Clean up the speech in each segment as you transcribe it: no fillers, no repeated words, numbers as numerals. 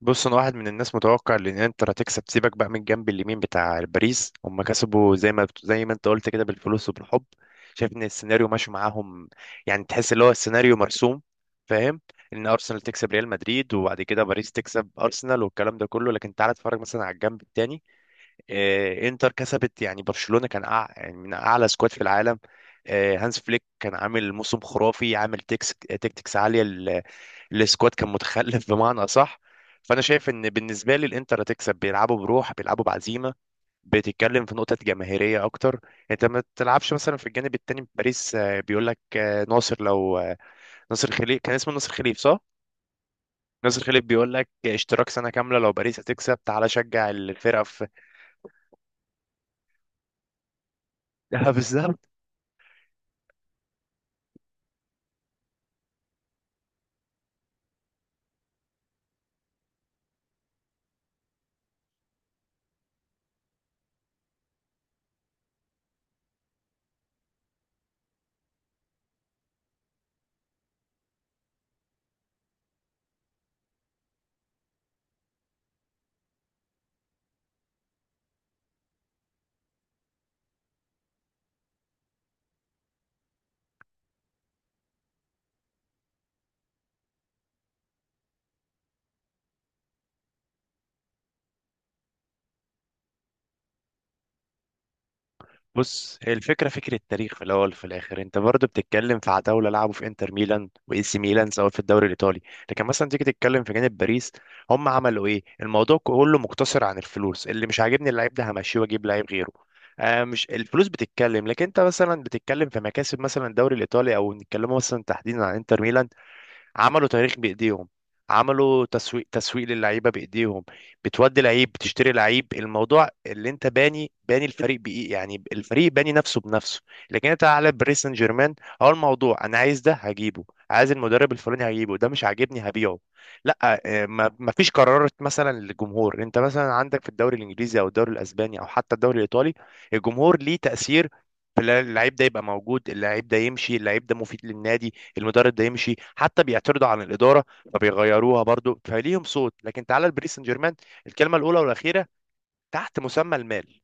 بص، انا واحد من الناس متوقع ان انتر هتكسب. سيبك بقى من الجنب اليمين بتاع باريس، هم كسبوا زي ما زي ما انت قلت كده بالفلوس وبالحب. شايف ان السيناريو ماشي معاهم، يعني تحس اللي هو السيناريو مرسوم. فاهم؟ ان ارسنال تكسب ريال مدريد، وبعد كده باريس تكسب ارسنال والكلام ده كله. لكن تعالى اتفرج مثلا على الجنب التاني. انتر كسبت، يعني برشلونة كان يعني من اعلى سكواد في العالم. هانس فليك كان عامل موسم خرافي، عامل تكتكس عالية السكواد، كان متخلف بمعنى اصح. فانا شايف ان بالنسبة لي الانتر هتكسب، بيلعبوا بروح، بيلعبوا بعزيمة. بتتكلم في نقطة جماهيرية اكتر. انت ما تلعبش مثلا في الجانب التاني في باريس، بيقول لك ناصر، لو ناصر خليف، كان اسمه ناصر خليف صح؟ ناصر خليف بيقول لك اشتراك سنة كاملة لو باريس هتكسب، تعالى شجع الفرقة في... بالظبط. بص، هي الفكرة فكرة تاريخ في الأول وفي الآخر. أنت برضه بتتكلم في عتاولة لعبوا في إنتر ميلان وإي سي ميلان، سواء في الدوري الإيطالي. لكن مثلا تيجي تتكلم في جانب باريس، هم عملوا إيه؟ الموضوع كله مقتصر عن الفلوس. اللي مش عاجبني اللعيب ده همشيه وأجيب لعيب غيره. آه، مش الفلوس بتتكلم، لكن أنت مثلا بتتكلم في مكاسب، مثلا الدوري الإيطالي، أو نتكلموا مثلا تحديدا عن إنتر ميلان. عملوا تاريخ بايديهم، عملوا تسويق للعيبه بايديهم. بتودي لعيب، بتشتري لعيب. الموضوع اللي انت باني الفريق بايه، يعني الفريق باني نفسه بنفسه. لكن انت على باريس سان جيرمان، هو الموضوع: انا عايز ده هجيبه، عايز المدرب الفلاني هجيبه، ده مش عاجبني هبيعه. لا ما فيش قرارات مثلا للجمهور. انت مثلا عندك في الدوري الانجليزي او الدوري الاسباني او حتى الدوري الايطالي، الجمهور ليه تاثير، في اللعيب ده يبقى موجود، اللعيب ده يمشي، اللعيب ده مفيد للنادي، المدرب ده يمشي. حتى بيعترضوا عن الاداره فبيغيروها، برضو فليهم صوت. لكن تعالى لباريس سان جيرمان، الكلمه الاولى والاخيره تحت مسمى المال.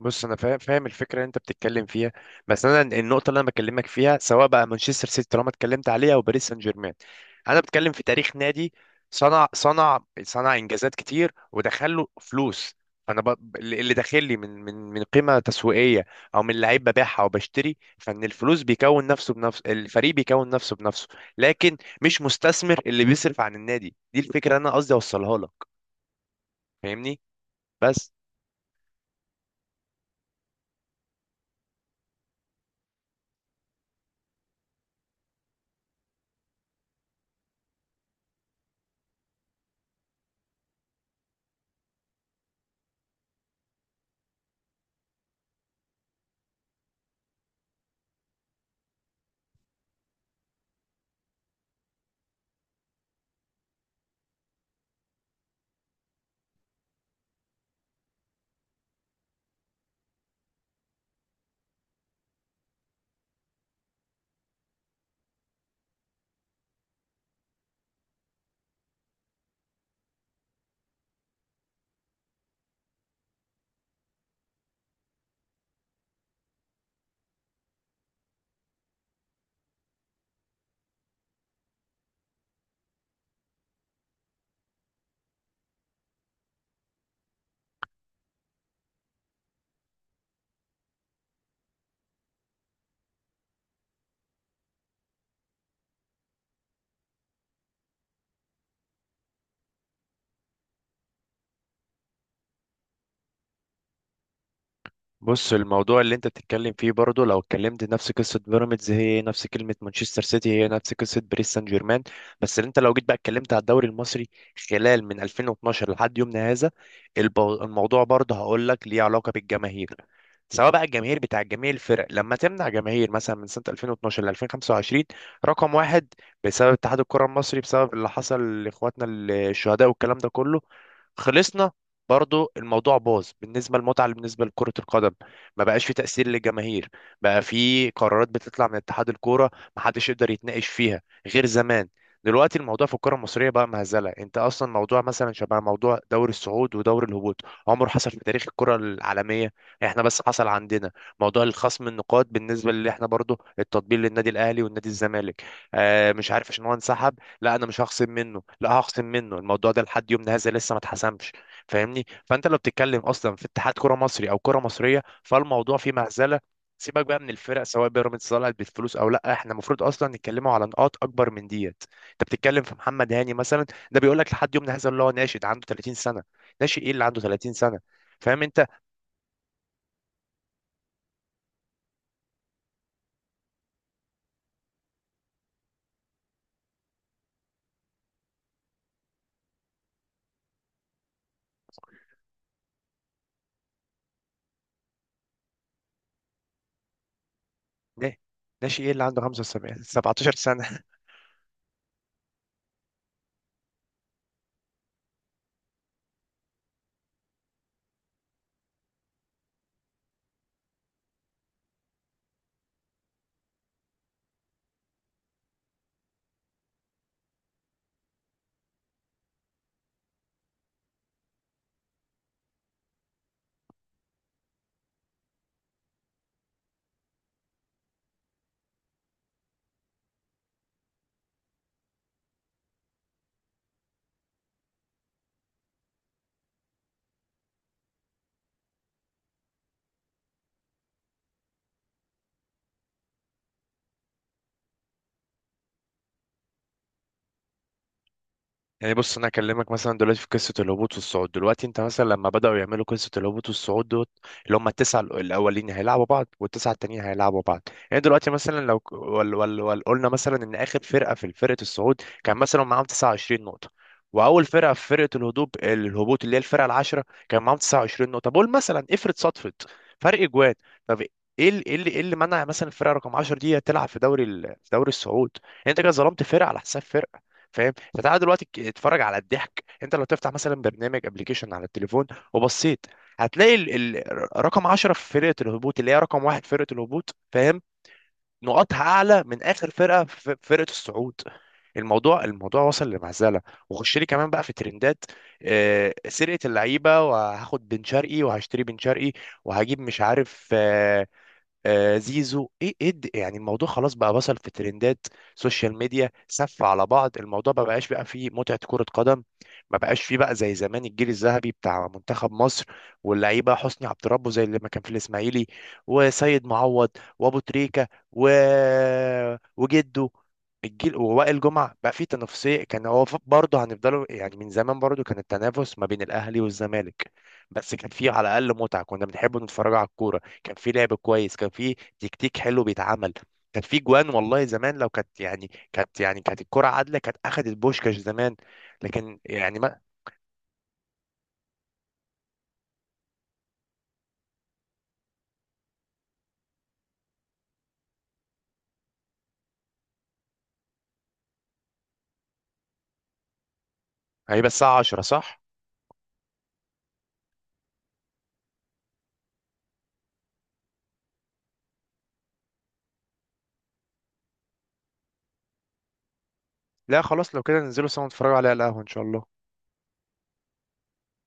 بص، انا فاهم الفكره اللي انت بتتكلم فيها. بس انا النقطه اللي انا بكلمك فيها، سواء بقى مانشستر سيتي طالما اتكلمت عليها او باريس سان جيرمان، انا بتكلم في تاريخ نادي صنع انجازات كتير ودخل له فلوس. فانا اللي داخل لي من قيمه تسويقيه او من لعيب ببيعها او بشتري، فان الفلوس بيكون نفسه بنفسه، الفريق بيكون نفسه بنفسه. لكن مش مستثمر اللي بيصرف عن النادي. دي الفكره اللي انا قصدي اوصلها لك. فاهمني؟ بس. بص، الموضوع اللي انت بتتكلم فيه برضه، لو اتكلمت نفس قصه بيراميدز، هي نفس كلمه مانشستر سيتي، هي نفس قصه باريس سان جيرمان. بس اللي انت لو جيت بقى اتكلمت على الدوري المصري خلال من 2012 لحد يومنا هذا، الموضوع برضه هقول لك ليه علاقه بالجماهير. سواء بقى الجماهير بتاع جميع الفرق، لما تمنع جماهير مثلا من سنه 2012 ل 2025، رقم واحد، بسبب اتحاد الكره المصري، بسبب اللي حصل لاخواتنا الشهداء والكلام ده كله، خلصنا. برضو الموضوع باظ بالنسبة للمتعة، بالنسبة لكرة القدم. ما بقاش في تأثير للجماهير، بقى في قرارات بتطلع من اتحاد الكورة ما حدش يقدر يتناقش فيها غير زمان. دلوقتي الموضوع في الكرة المصرية بقى مهزلة. انت اصلا موضوع مثلا شبه موضوع دوري الصعود ودوري الهبوط، عمره حصل في تاريخ الكرة العالمية، احنا بس حصل عندنا. موضوع الخصم النقاط بالنسبة اللي احنا برضو التطبيل للنادي الاهلي والنادي الزمالك. آه، مش عارف عشان هو انسحب، لا انا مش هخصم منه، لا هخصم منه. الموضوع ده لحد يومنا هذا لسه ما اتحسمش. فاهمني؟ فانت لو بتتكلم اصلا في اتحاد كرة مصري او كرة مصرية، فالموضوع فيه مهزله. سيبك بقى من الفرق، سواء بيراميدز طلعت بالفلوس او لا، احنا المفروض اصلا نتكلموا على نقاط اكبر من ديت. انت بتتكلم في محمد هاني مثلا؟ ده بيقول لك لحد يومنا هذا اللي هو ناشئ، ده عنده 30 سنه. ناشئ ايه اللي عنده 30 سنه؟ فاهم انت؟ نا- ناشئ ايه اللي عنده 75 17 سنه؟ يعني بص، انا اكلمك مثلا دلوقتي في قصه الهبوط والصعود. دلوقتي انت مثلا لما بداوا يعملوا قصه الهبوط والصعود دوت، اللي هم التسعه الاولين هيلعبوا بعض والتسعه التانيين هيلعبوا بعض. يعني دلوقتي مثلا لو وال وال وال قلنا مثلا ان اخر فرقه في فرقه الصعود كان مثلا معاهم 29 نقطه، واول فرقه في فرقه الهبوط، الهبوط اللي هي الفرقه العاشره، كان معاهم 29 نقطه. بقول مثلا، افرض صدفت فرق جوان. طب ايه ايه اللي ايه اللي منع مثلا الفرقه رقم 10 دي تلعب في دوري في دوري الصعود؟ يعني انت كده ظلمت فرقه على حساب فرقه. فاهم انت؟ تعالى دلوقتي اتفرج على الضحك. انت لو تفتح مثلا برنامج ابلكيشن على التليفون وبصيت، هتلاقي رقم 10 في فرقه الهبوط، اللي هي رقم واحد فرقه الهبوط، فاهم؟ نقاطها اعلى من اخر فرقه في فرقه الصعود. الموضوع وصل لمعزله. وخش لي كمان بقى في ترندات، سرقه اللعيبه، وهاخد بن شرقي وهشتري بن شرقي، وهجيب مش عارف، زيزو، ايه ايه يعني الموضوع خلاص بقى وصل في ترندات، سوشيال ميديا، سف على بعض. الموضوع ما بقاش بقى فيه متعة كرة قدم. ما بقاش فيه بقى زي زمان الجيل الذهبي بتاع منتخب مصر واللعيبة، حسني عبد ربه زي اللي ما كان في الاسماعيلي، وسيد معوض، وابو تريكة، و... وجده، الجيل، ووائل جمعة. بقى فيه تنافسية، كان هو برضه هنفضلوا يعني. من زمان برضه كان التنافس ما بين الاهلي والزمالك، بس كان فيه على الاقل متعة. كنا بنحب نتفرج على الكورة، كان في لعب كويس، كان في تكتيك حلو بيتعمل. كان في جوان والله زمان. لو كانت الكرة عادلة، كانت أخدت بوشكاش زمان. لكن يعني ما... هيبقى الساعة 10 صح؟ لا خلاص، لو كده ننزلوا سوا نتفرجوا عليها على القهوة إن شاء الله.